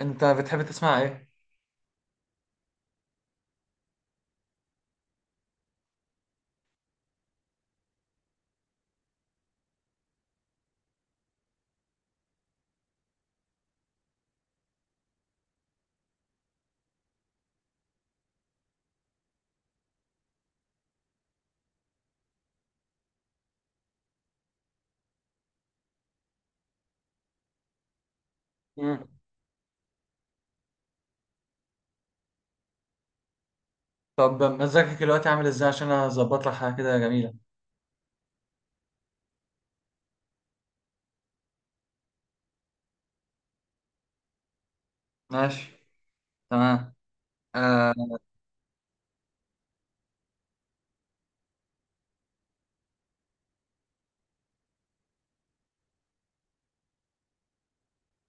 انت بتحب تسمع ايه؟ مم. طب مزاجك دلوقتي عامل ازاي عشان اظبط لك حاجه كده جميله؟ ماشي. تمام. أه.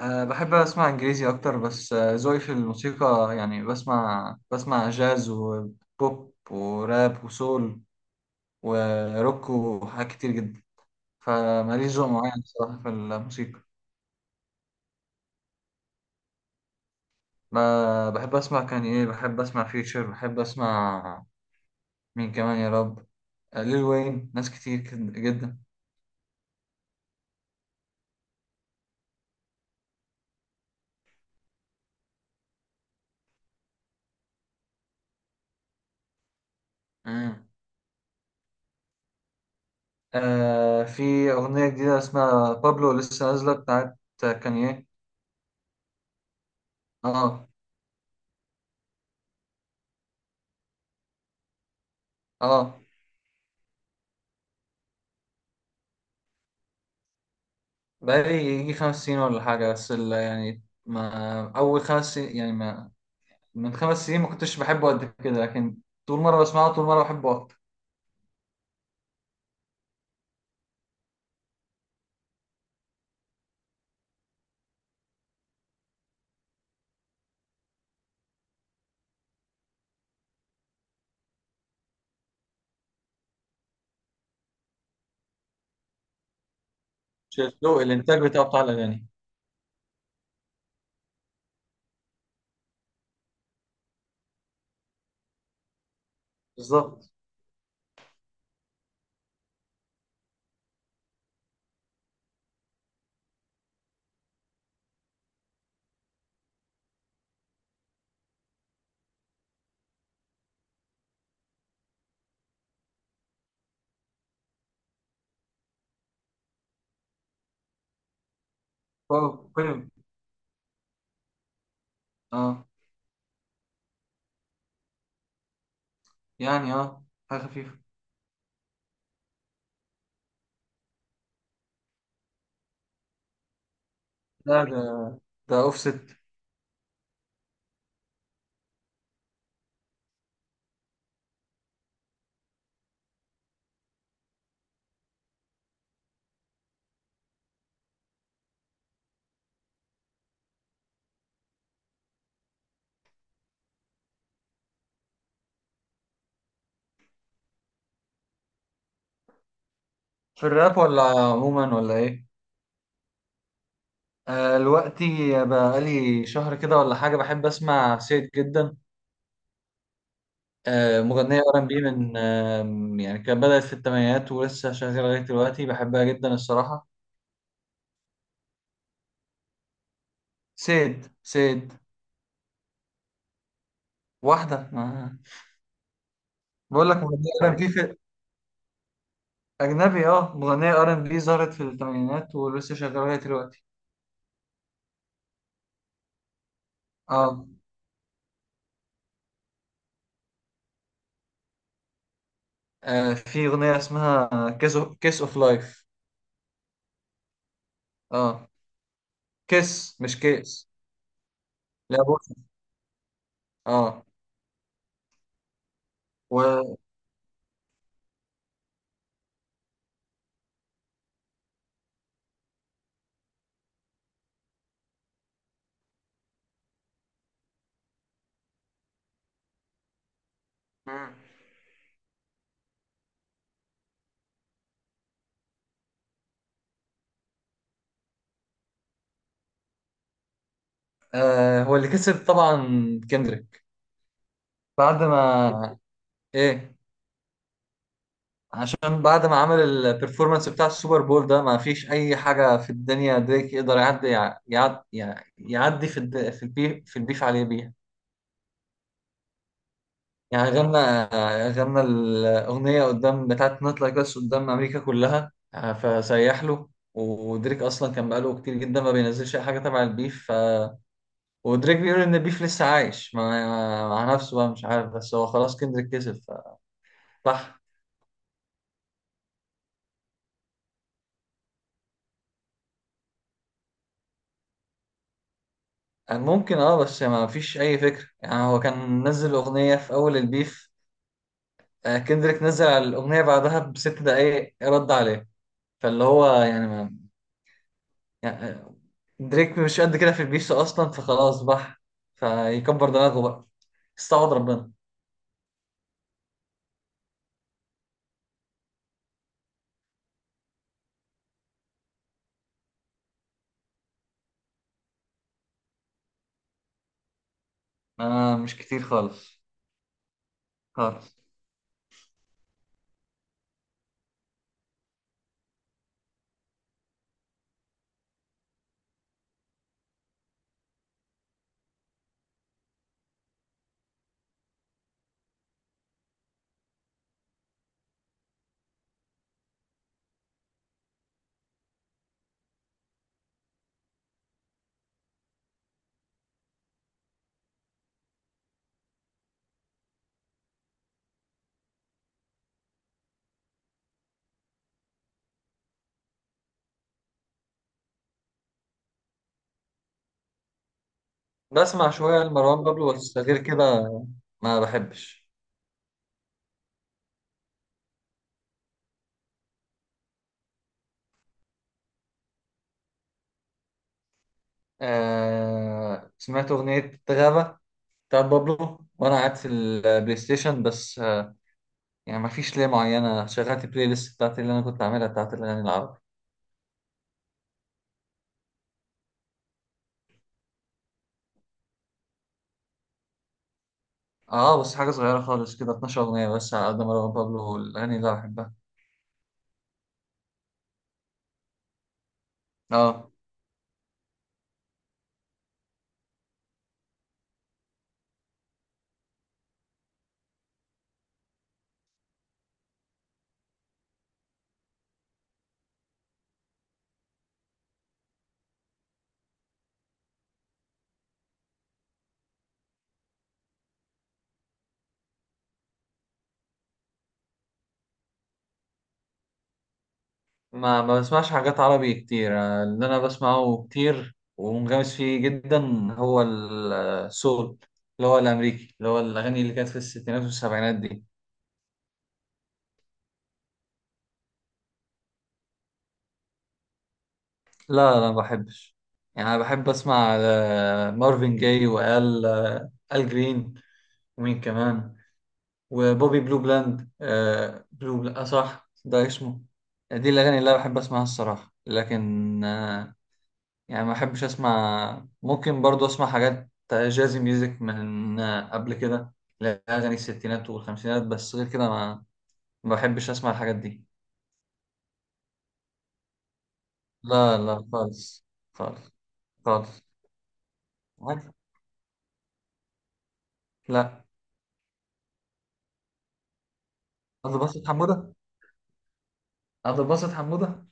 أه، بحب اسمع انجليزي اكتر بس، ذوقي في الموسيقى يعني بسمع جاز وبوب وراب وسول وروك وحاجات كتير جدا. فماليش ذوق معين بصراحه في الموسيقى. بحب اسمع كانيه، بحب اسمع فيوتشر، بحب اسمع مين كمان يا رب. ليل وين، ناس جدا. آه، في أغنية جديدة اسمها بابلو لسه نازلة بتاعت كانيه. اه. اه، بقالي يجي خمس سنين ولا حاجة، بس يعني، ما أول خمس سنين، يعني ما من خمس سنين ما كنتش بحبه قد كده، لكن طول مرة بسمعه طول مرة بحبه أكتر. شايف له الانتاج بتاعه بتاع الاغاني. بالظبط. هو كل. اه. يعني اه، حاجة خفيفة. لا، ده ده أوفست. في الراب ولا عموما ولا إيه؟ آه، دلوقتي بقالي شهر كده ولا حاجة بحب أسمع سيد جدا. آه، مغنية ار ان بي من يعني، كانت بدأت في الثمانينات ولسه شغالة لغاية دلوقتي، بحبها جدا الصراحة. سيد، سيد. واحدة ما. بقول لك مغنية ار ان بي في. أجنبي، اه، مغنية ار ان بي ظهرت في الثمانينات ولسه شغالة لغاية دلوقتي. اه. آه، في أغنية اسمها كيس اوف لايف. اه. كيس مش كيس. لا، بص. اه. و... مم. آه، هو اللي كسب طبعا، كندريك. بعد ما ايه؟ عشان بعد ما عمل البرفورمانس بتاع السوبر بول ده، ما فيش اي حاجه في الدنيا دريك يقدر يعدي، يعدي, يعدي في في البيف، في البيف عليه بيها. يعني غنى الاغنيه قدام بتاعت نوت لايك اس قدام امريكا كلها، آه، فسيح له. ودريك اصلا كان بقاله كتير جدا ما بينزلش اي حاجه تبع البيف، ودريك بيقول ان البيف لسه عايش مع نفسه بقى، مش عارف، بس هو خلاص كندريك كسب، ف... صح. ممكن، اه، بس ما فيش اي فكره. يعني هو كان نزل اغنيه في اول البيف، آه، كندريك نزل على الاغنيه بعدها بست دقايق رد عليه. فاللي هو ما يعني، آه، دريك مش قد كده في البيف اصلا، فخلاص فيكبر دماغه بقى، استعوض ربنا. انا مش كتير خالص. خالص. بسمع شويه لمروان بابلو بس، غير كده ما بحبش. آه، سمعت أغنية غابة بتاعت بابلو وأنا قاعد في البلاي ستيشن، بس يعني ما فيش ليه معينة، شغلت البلاي ليست بتاعتي اللي أنا كنت عاملها بتاعت الأغاني العربي. آه، بس حاجة صغيرة خالص كده، 12 أغنية بس على قد مروان بابلو والأغاني اللي أنا بحبها. آه. ما بسمعش حاجات عربي كتير. آه، اللي أنا بسمعه كتير ومنغمس فيه جدا هو آه، السول، اللي هو الأمريكي، اللي هو الأغاني اللي كانت في الستينات والسبعينات دي. لا لا، ما بحبش. يعني أنا بحب أسمع آه، مارفن جاي، وآل آل جرين، ومين كمان، وبوبي بلو بلاند، آه بلو بلاند، آه صح ده اسمه. دي الأغاني اللي أنا بحب أسمعها الصراحة، لكن آه، يعني ما أحبش أسمع. ممكن برضو أسمع حاجات جازي ميوزك من آه قبل كده، لا، أغاني الستينات والخمسينات، بس غير كده ما، ما بحبش أسمع الحاجات دي. لا لا، خالص. خالص. خالص. عارف؟ لا. عبد الباسط حمودة. عبد الباسط حمودة.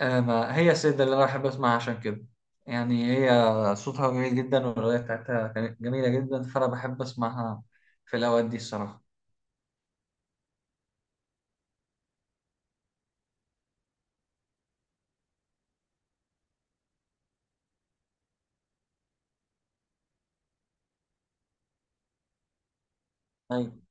آه، ما هي السيدة اللي أنا بحب أسمعها عشان كده، يعني هي صوتها جميل جدا والأغنية بتاعتها كانت جميلة جدا، فأنا بحب أسمعها في الأوقات دي الصراحة. أيوة.